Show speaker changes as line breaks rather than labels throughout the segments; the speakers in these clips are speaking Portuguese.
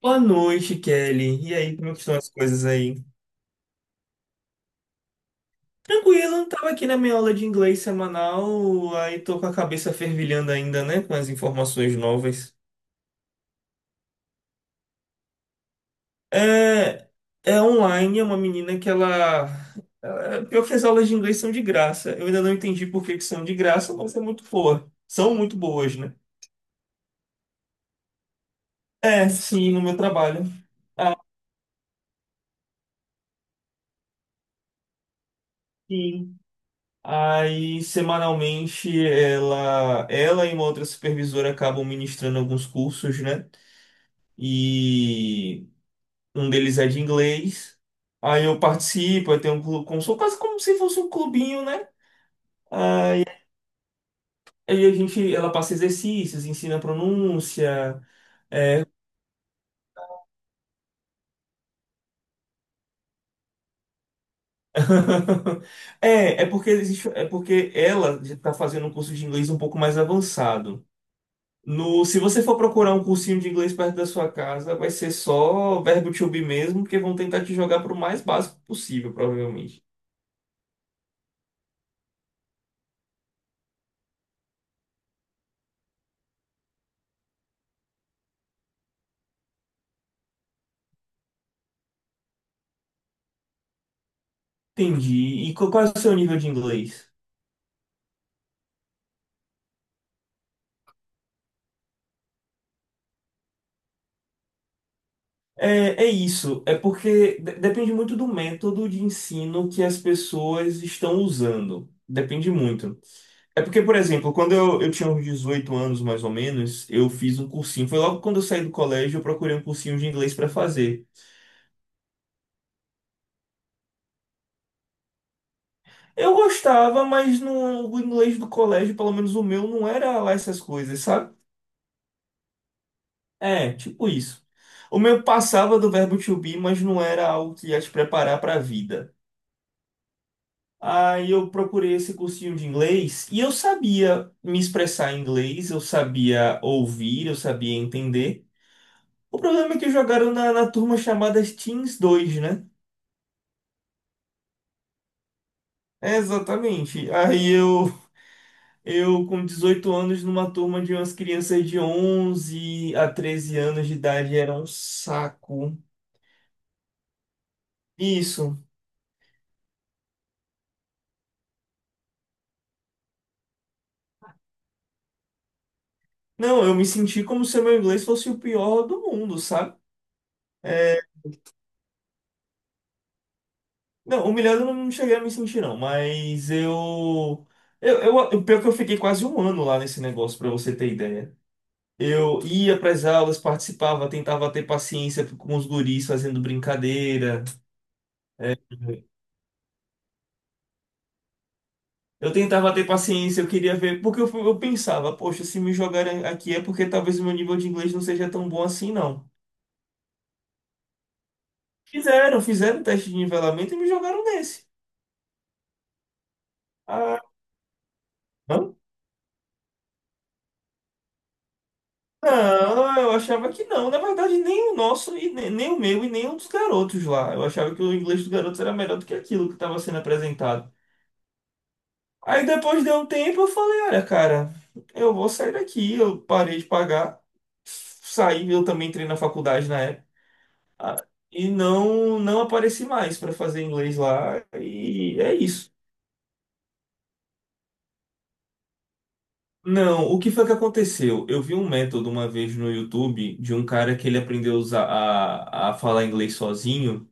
Boa noite, Kelly. E aí, como é que estão as coisas aí? Tranquilo, tava aqui na minha aula de inglês semanal, aí tô com a cabeça fervilhando ainda, né, com as informações novas. É, é online, é uma menina que Pior que as aulas de inglês são de graça. Eu ainda não entendi por que que são de graça, mas é muito boa. São muito boas, né? É, sim, no meu trabalho. Ah, sim. Aí, semanalmente, ela e uma outra supervisora acabam ministrando alguns cursos, né? E um deles é de inglês. Aí eu participo, eu tenho um clube, como, sou quase como se fosse um clubinho, né? Aí a gente, ela passa exercícios, ensina pronúncia. É porque existe, é porque ela está fazendo um curso de inglês um pouco mais avançado. No, se você for procurar um cursinho de inglês perto da sua casa, vai ser só verbo to be mesmo, porque vão tentar te jogar para o mais básico possível, provavelmente. Entendi. E qual é o seu nível de inglês? É isso, é porque depende muito do método de ensino que as pessoas estão usando. Depende muito. É porque, por exemplo, quando eu tinha uns 18 anos, mais ou menos, eu fiz um cursinho. Foi logo quando eu saí do colégio, eu procurei um cursinho de inglês para fazer. Eu gostava, mas no, o inglês do colégio, pelo menos o meu, não era lá essas coisas, sabe? É, tipo isso. O meu passava do verbo to be, mas não era algo que ia te preparar para a vida. Aí eu procurei esse cursinho de inglês e eu sabia me expressar em inglês, eu sabia ouvir, eu sabia entender. O problema é que jogaram na turma chamada Teens 2, né? É, exatamente. Aí eu com 18 anos, numa turma de umas crianças de 11 a 13 anos de idade, era um saco. Isso. Não, eu me senti como se o meu inglês fosse o pior do mundo, sabe? É, não, humilhado eu não cheguei a me sentir, não, mas eu. Pior que eu fiquei quase um ano lá nesse negócio, pra você ter ideia. Eu ia pras aulas, participava, tentava ter paciência com os guris fazendo brincadeira. É, eu tentava ter paciência, eu queria ver, porque eu pensava, poxa, se me jogarem aqui é porque talvez o meu nível de inglês não seja tão bom assim, não. Fizeram, fizeram teste de nivelamento e me jogaram nesse. Ah, não, eu achava que não. Na verdade, nem o nosso, e nem o meu, e nem o dos garotos lá. Eu achava que o inglês dos garotos era melhor do que aquilo que estava sendo apresentado. Aí depois de um tempo eu falei, olha, cara, eu vou sair daqui. Eu parei de pagar, saí, eu também entrei na faculdade na época, e não, não apareci mais para fazer inglês lá, e é isso. Não, o que foi que aconteceu? Eu vi um método uma vez no YouTube de um cara que ele aprendeu a falar inglês sozinho.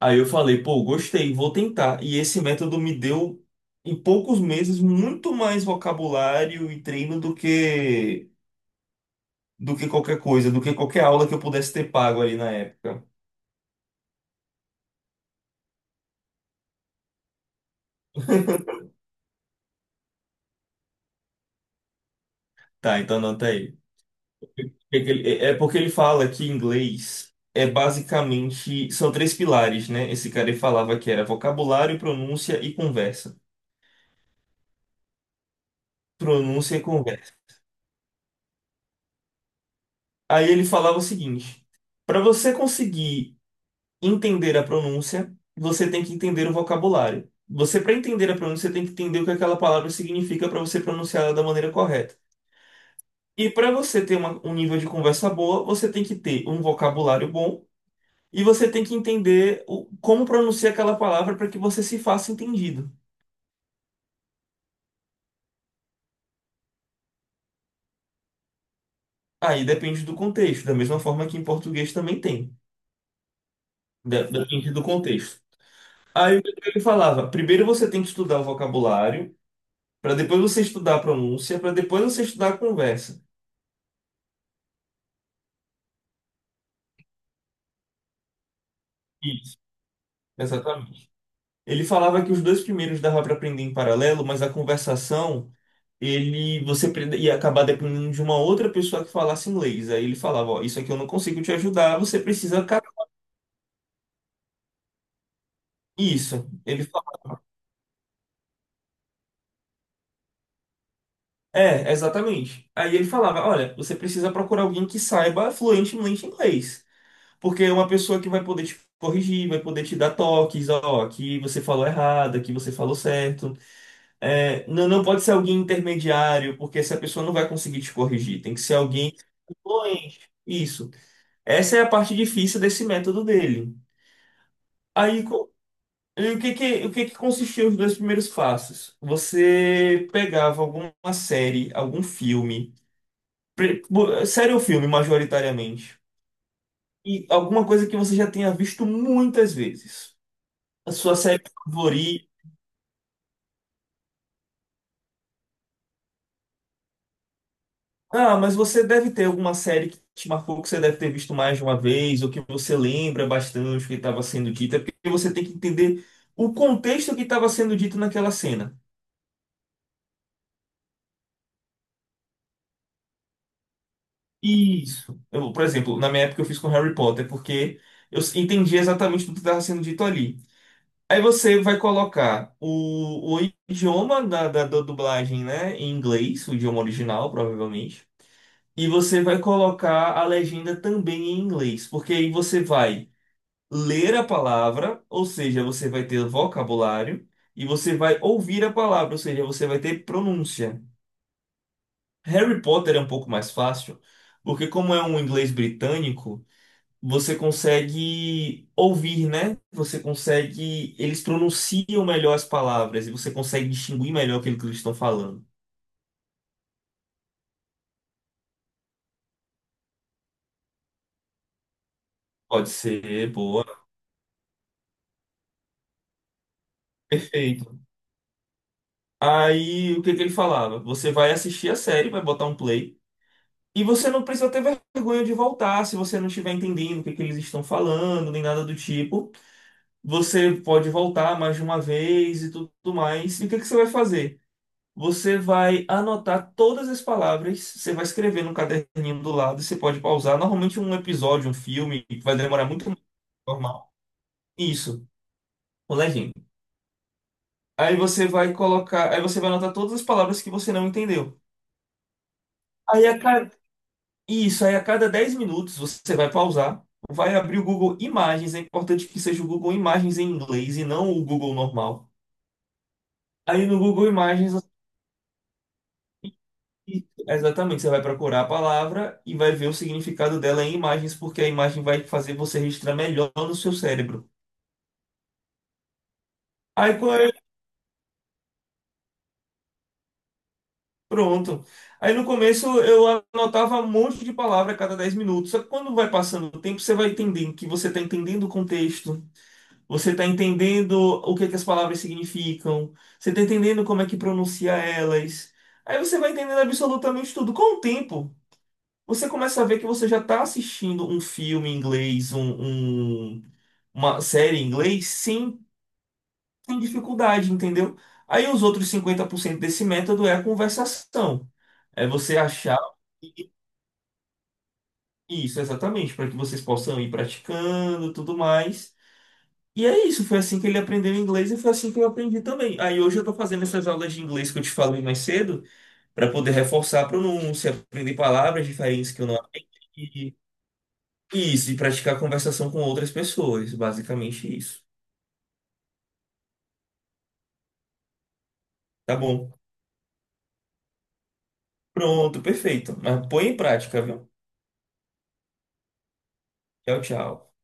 Aí eu falei, pô, gostei, vou tentar. E esse método me deu, em poucos meses, muito mais vocabulário e treino do que do que qualquer aula que eu pudesse ter pago ali na época. Tá, então anota aí. É que ele- é é porque ele fala que inglês é basicamente, são três pilares, né? Esse cara ele falava que era vocabulário, pronúncia e conversa. Pronúncia e conversa. Aí ele falava o seguinte: para você conseguir entender a pronúncia, você tem que entender o vocabulário. Você, para entender a pronúncia, tem que entender o que aquela palavra significa para você pronunciar ela da maneira correta. E para você ter um nível de conversa boa, você tem que ter um vocabulário bom e você tem que entender como pronunciar aquela palavra para que você se faça entendido. Aí depende do contexto, da mesma forma que em português também tem. Depende do contexto. Aí o que ele falava? Primeiro você tem que estudar o vocabulário, para depois você estudar a pronúncia, para depois você estudar a conversa. Isso. Exatamente. Ele falava que os dois primeiros dava para aprender em paralelo, mas a conversação, ia acabar dependendo de uma outra pessoa que falasse inglês. Aí ele falava, ó, isso aqui eu não consigo te ajudar, você precisa isso. Ele falava, é, exatamente. Aí ele falava, olha, você precisa procurar alguém que saiba fluentemente inglês, porque é uma pessoa que vai poder te corrigir, vai poder te dar toques, ó, aqui você falou errado, aqui você falou certo. É, não, não pode ser alguém intermediário, porque essa pessoa não vai conseguir te corrigir. Tem que ser alguém influente. Isso. Essa é a parte difícil desse método dele. Aí, co- e o que que consistia os dois primeiros passos? Você pegava alguma série, algum filme, série ou filme, majoritariamente, e alguma coisa que você já tenha visto muitas vezes. A sua série. Ah, mas você deve ter alguma série que te marcou, que você deve ter visto mais de uma vez, ou que você lembra bastante o que estava sendo dito, é porque você tem que entender o contexto que estava sendo dito naquela cena. Isso. Eu, por exemplo, na minha época eu fiz com Harry Potter, porque eu entendi exatamente tudo que estava sendo dito ali. Aí você vai colocar o idioma da dublagem, né, em inglês, o idioma original, provavelmente, e você vai colocar a legenda também em inglês, porque aí você vai ler a palavra, ou seja, você vai ter vocabulário, e você vai ouvir a palavra, ou seja, você vai ter pronúncia. Harry Potter é um pouco mais fácil, porque como é um inglês britânico, você consegue ouvir, né? Você consegue, eles pronunciam melhor as palavras e você consegue distinguir melhor aquilo que eles estão falando. Pode ser, boa. Perfeito. Aí, o que que ele falava? Você vai assistir a série, vai botar um play. E você não precisa ter vergonha de voltar se você não estiver entendendo o que que eles estão falando, nem nada do tipo. Você pode voltar mais de uma vez e tudo mais. E o que que você vai fazer? Você vai anotar todas as palavras, você vai escrever no caderninho do lado, você pode pausar. Normalmente um episódio, um filme, vai demorar muito mais que o normal. Isso, o legend. Aí você vai colocar, aí você vai anotar todas as palavras que você não entendeu. Aí a E isso aí, a cada 10 minutos, você vai pausar, vai abrir o Google Imagens. É importante que seja o Google Imagens em inglês e não o Google normal. Aí no Google Imagens, você- exatamente, você vai procurar a palavra e vai ver o significado dela em imagens, porque a imagem vai fazer você registrar melhor no seu cérebro. Aí co- pronto. Aí no começo eu anotava um monte de palavra a cada 10 minutos. Só que quando vai passando o tempo, você vai entendendo que você está entendendo o contexto. Você está entendendo o que que as palavras significam. Você está entendendo como é que pronuncia elas. Aí você vai entendendo absolutamente tudo. Com o tempo, você começa a ver que você já está assistindo um filme em inglês, uma série em inglês, sem, sem dificuldade, entendeu? Aí os outros 50% desse método é a conversação. É você achar. Isso, exatamente, para que vocês possam ir praticando, tudo mais. E é isso, foi assim que ele aprendeu inglês e foi assim que eu aprendi também. Aí hoje eu tô fazendo essas aulas de inglês que eu te falei mais cedo, para poder reforçar a pronúncia, aprender palavras diferentes que eu não aprendi. E isso, e praticar conversação com outras pessoas, basicamente isso. Tá bom. Pronto, perfeito. Mas põe em prática, viu? Tchau, tchau.